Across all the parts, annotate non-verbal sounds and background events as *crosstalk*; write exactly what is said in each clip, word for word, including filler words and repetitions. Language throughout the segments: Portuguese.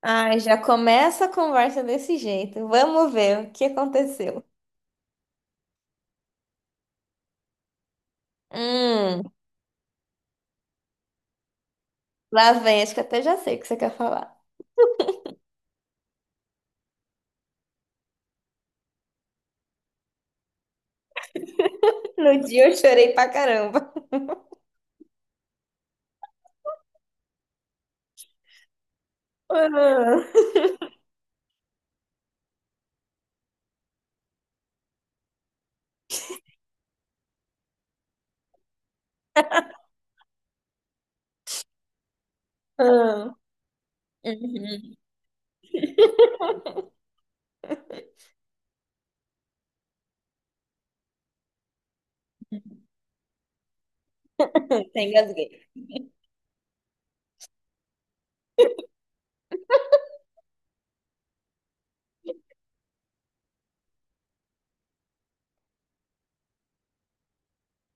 Ai, já começa a conversa desse jeito. Vamos ver o que aconteceu. Hum. Lá vem, acho que até já sei o que você quer falar. *laughs* No dia eu chorei pra caramba. Ah, ah. Uhum. *laughs* Engasguei.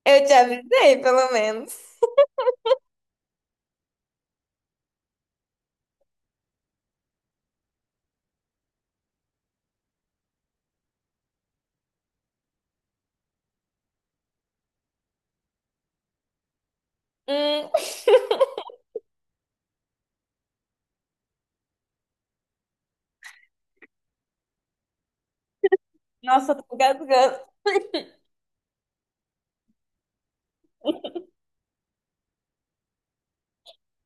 Eu te avisei, pelo menos. Hum, Nossa, eu tô engasgando.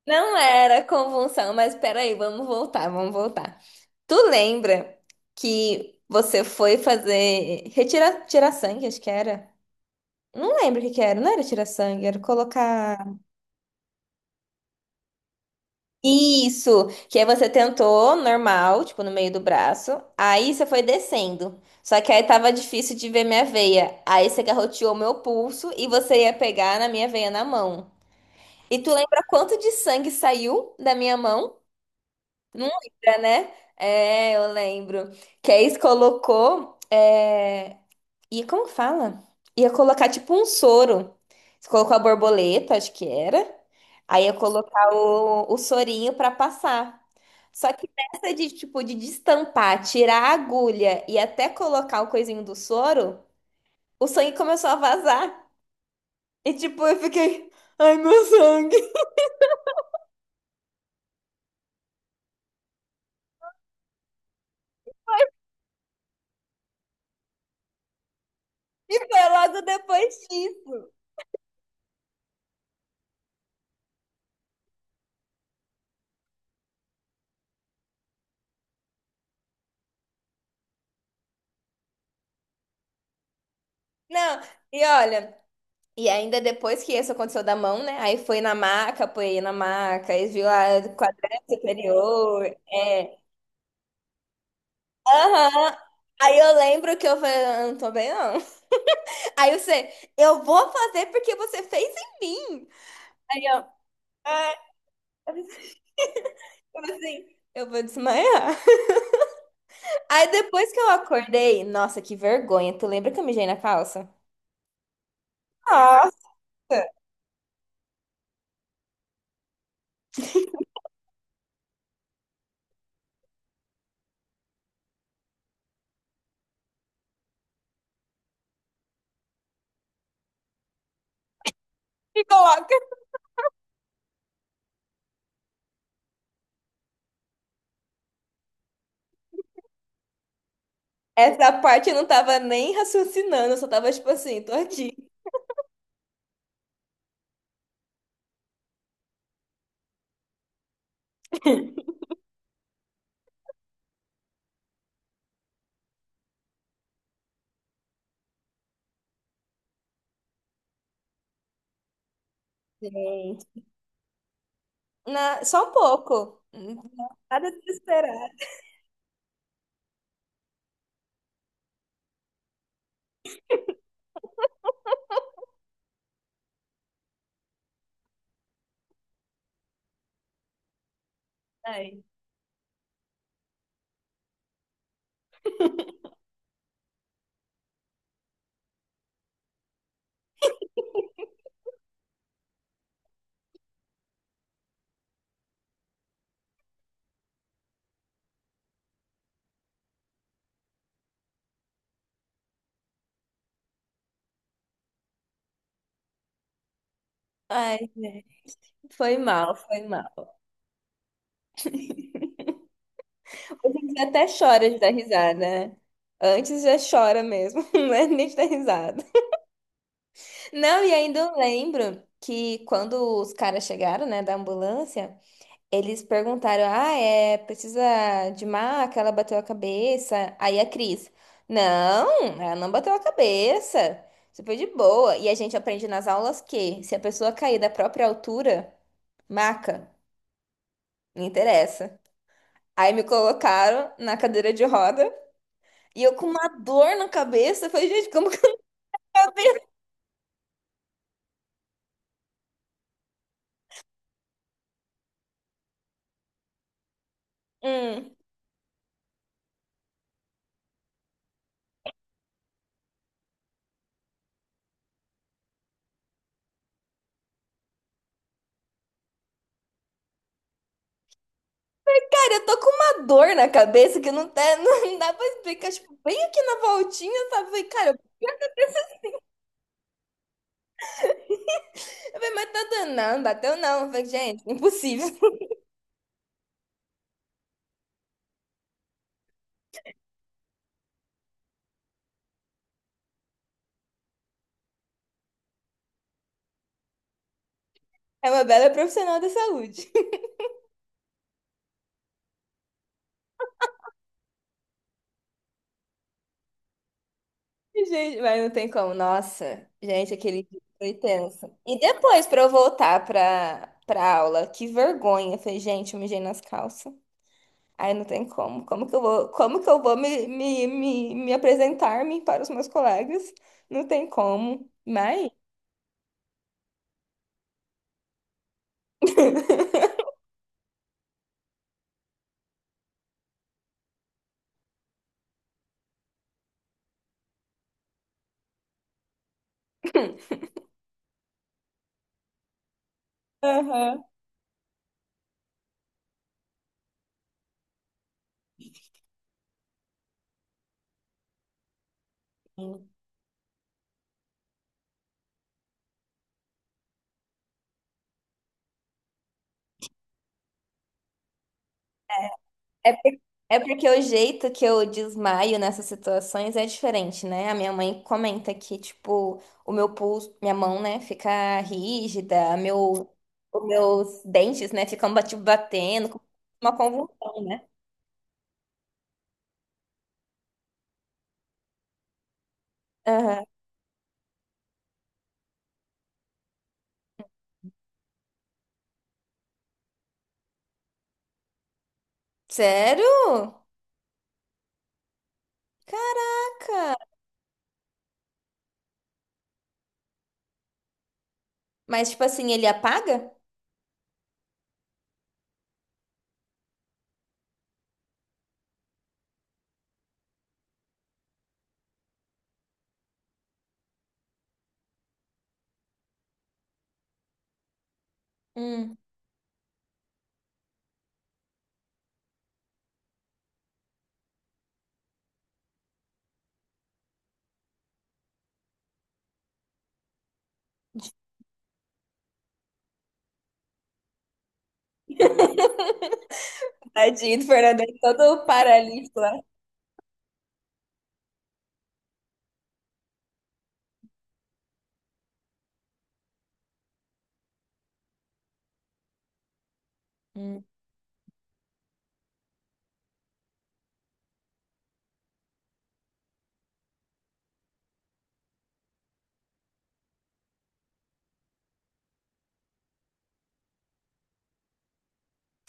Não era convulsão, mas peraí, vamos voltar, vamos voltar. Tu lembra que você foi fazer retira, tirar sangue, acho que era? Não lembro o que que era, não era tirar sangue, era colocar. Isso! Que aí você tentou normal, tipo, no meio do braço. Aí você foi descendo. Só que aí tava difícil de ver minha veia. Aí você garroteou meu pulso e você ia pegar na minha veia na mão. E tu lembra quanto de sangue saiu da minha mão? Não lembra, né? É, eu lembro. Que a ex colocou. É. E como que fala? Ia colocar tipo um soro. Você colocou a borboleta, acho que era. Aí ia colocar o, o sorinho pra passar. Só que nessa de tipo de destampar, tirar a agulha e até colocar o coisinho do soro, o sangue começou a vazar. E tipo, eu fiquei, ai meu sangue. *laughs* E foi logo depois disso. Não, e olha. E ainda depois que isso aconteceu da mão, né? Aí foi na maca, apoiei na maca, aí viu a quadrante superior. É. Aham. Aí eu lembro que eu falei, "Eu não tô bem, não." *laughs* Aí você, eu vou fazer porque você fez em mim. Aí eu, ah, como assim? Eu vou desmaiar. *laughs* Aí depois que eu acordei, nossa, que vergonha. Tu lembra que eu mijei na calça? Nossa, ficou louca. Essa parte eu não tava nem raciocinando, eu só tava tipo assim, tô aqui. Gente. Na- só um pouco. Nada de esperar. Ai, ai, né? Foi mal, foi mal. Hoje em até chora de dar risada, né? Antes já chora mesmo, *laughs* não é nem de dar risada. Não, e ainda eu lembro que quando os caras chegaram, né, da ambulância. Eles perguntaram: "Ah, é, precisa de maca? Ela bateu a cabeça." Aí a Cris: "Não, ela não bateu a cabeça. Isso foi de boa. E a gente aprende nas aulas que se a pessoa cair da própria altura, maca, não interessa." Aí me colocaram na cadeira de roda e eu com uma dor na cabeça. Eu falei, gente, como que eu abri? Hum. Cara, eu tô com uma dor na cabeça que não, tá, *laughs* não dá pra explicar. Tipo, bem aqui na voltinha, sabe? Falei, cara, Eu falei, mas tanto não, bateu não. Eu falei, gente, impossível. *laughs* É uma bela profissional da saúde. *laughs* Gente, mas não tem como. Nossa, gente, aquele dia foi tenso. E depois pra eu voltar pra, pra, aula, que vergonha. Eu falei, gente, eu mijei nas calças. Aí não tem como. Como que eu vou, como que eu vou me, me, me, me apresentar-me para os meus colegas? Não tem como. Mas. *laughs* Aham. É, por- é porque o jeito que eu desmaio nessas situações é diferente, né? A minha mãe comenta que, tipo, o meu pulso, minha mão, né, fica rígida, meu, os meus dentes, né, ficam bate- batendo, como uma convulsão, né? Aham. Sério? Caraca! Mas, tipo assim, ele apaga? Hum. Tadinho do Fernando, todo paralítico lá. Hum.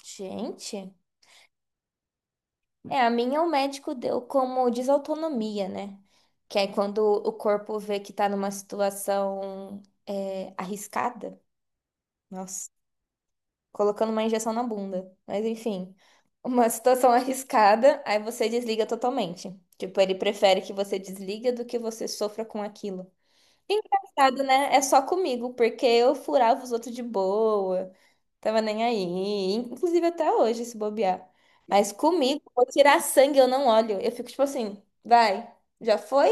Gente. É, a minha o médico deu como desautonomia, né? Que é quando o corpo vê que tá numa situação é, arriscada. Nossa, colocando uma injeção na bunda. Mas enfim, uma *laughs* situação arriscada, aí você desliga totalmente. Tipo, ele prefere que você desliga do que você sofra com aquilo. Engraçado, né? É só comigo, porque eu furava os outros de boa. Tava nem aí. Inclusive até hoje, se bobear. Mas comigo, vou tirar sangue, eu não olho. Eu fico tipo assim, vai, já foi?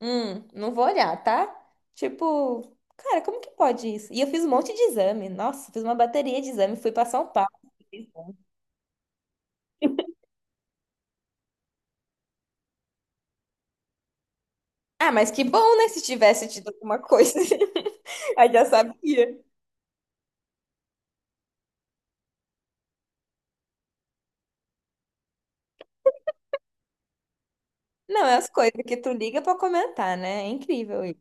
Hum, não vou olhar, tá? Tipo, cara, como que pode isso? E eu fiz um monte de exame. Nossa, fiz uma bateria de exame, fui pra São Paulo. Ah, mas que bom, né? Se tivesse tido alguma coisa, *laughs* aí já sabia. Não, é as coisas que tu liga pra comentar, né? É incrível isso.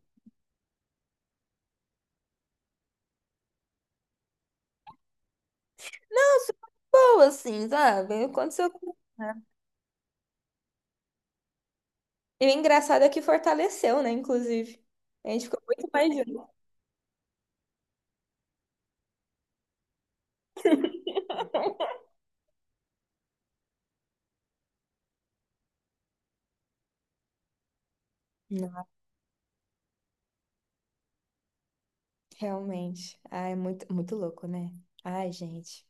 Boa, assim, sabe? Aconteceu. E o engraçado é que fortaleceu, né? Inclusive. A gente ficou muito mais junto. Não, realmente. Ah, é muito, muito louco, né? Ai, gente.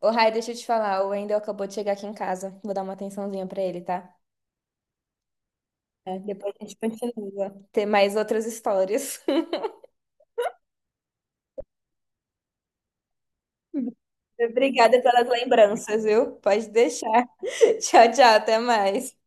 Ô, Rai, deixa eu te falar. O Wendel acabou de chegar aqui em casa. Vou dar uma atençãozinha pra ele, tá? É, depois a gente continua. Ter mais outras histórias. *laughs* Obrigada pelas lembranças, viu? Pode deixar. *laughs* Tchau, tchau. Até mais.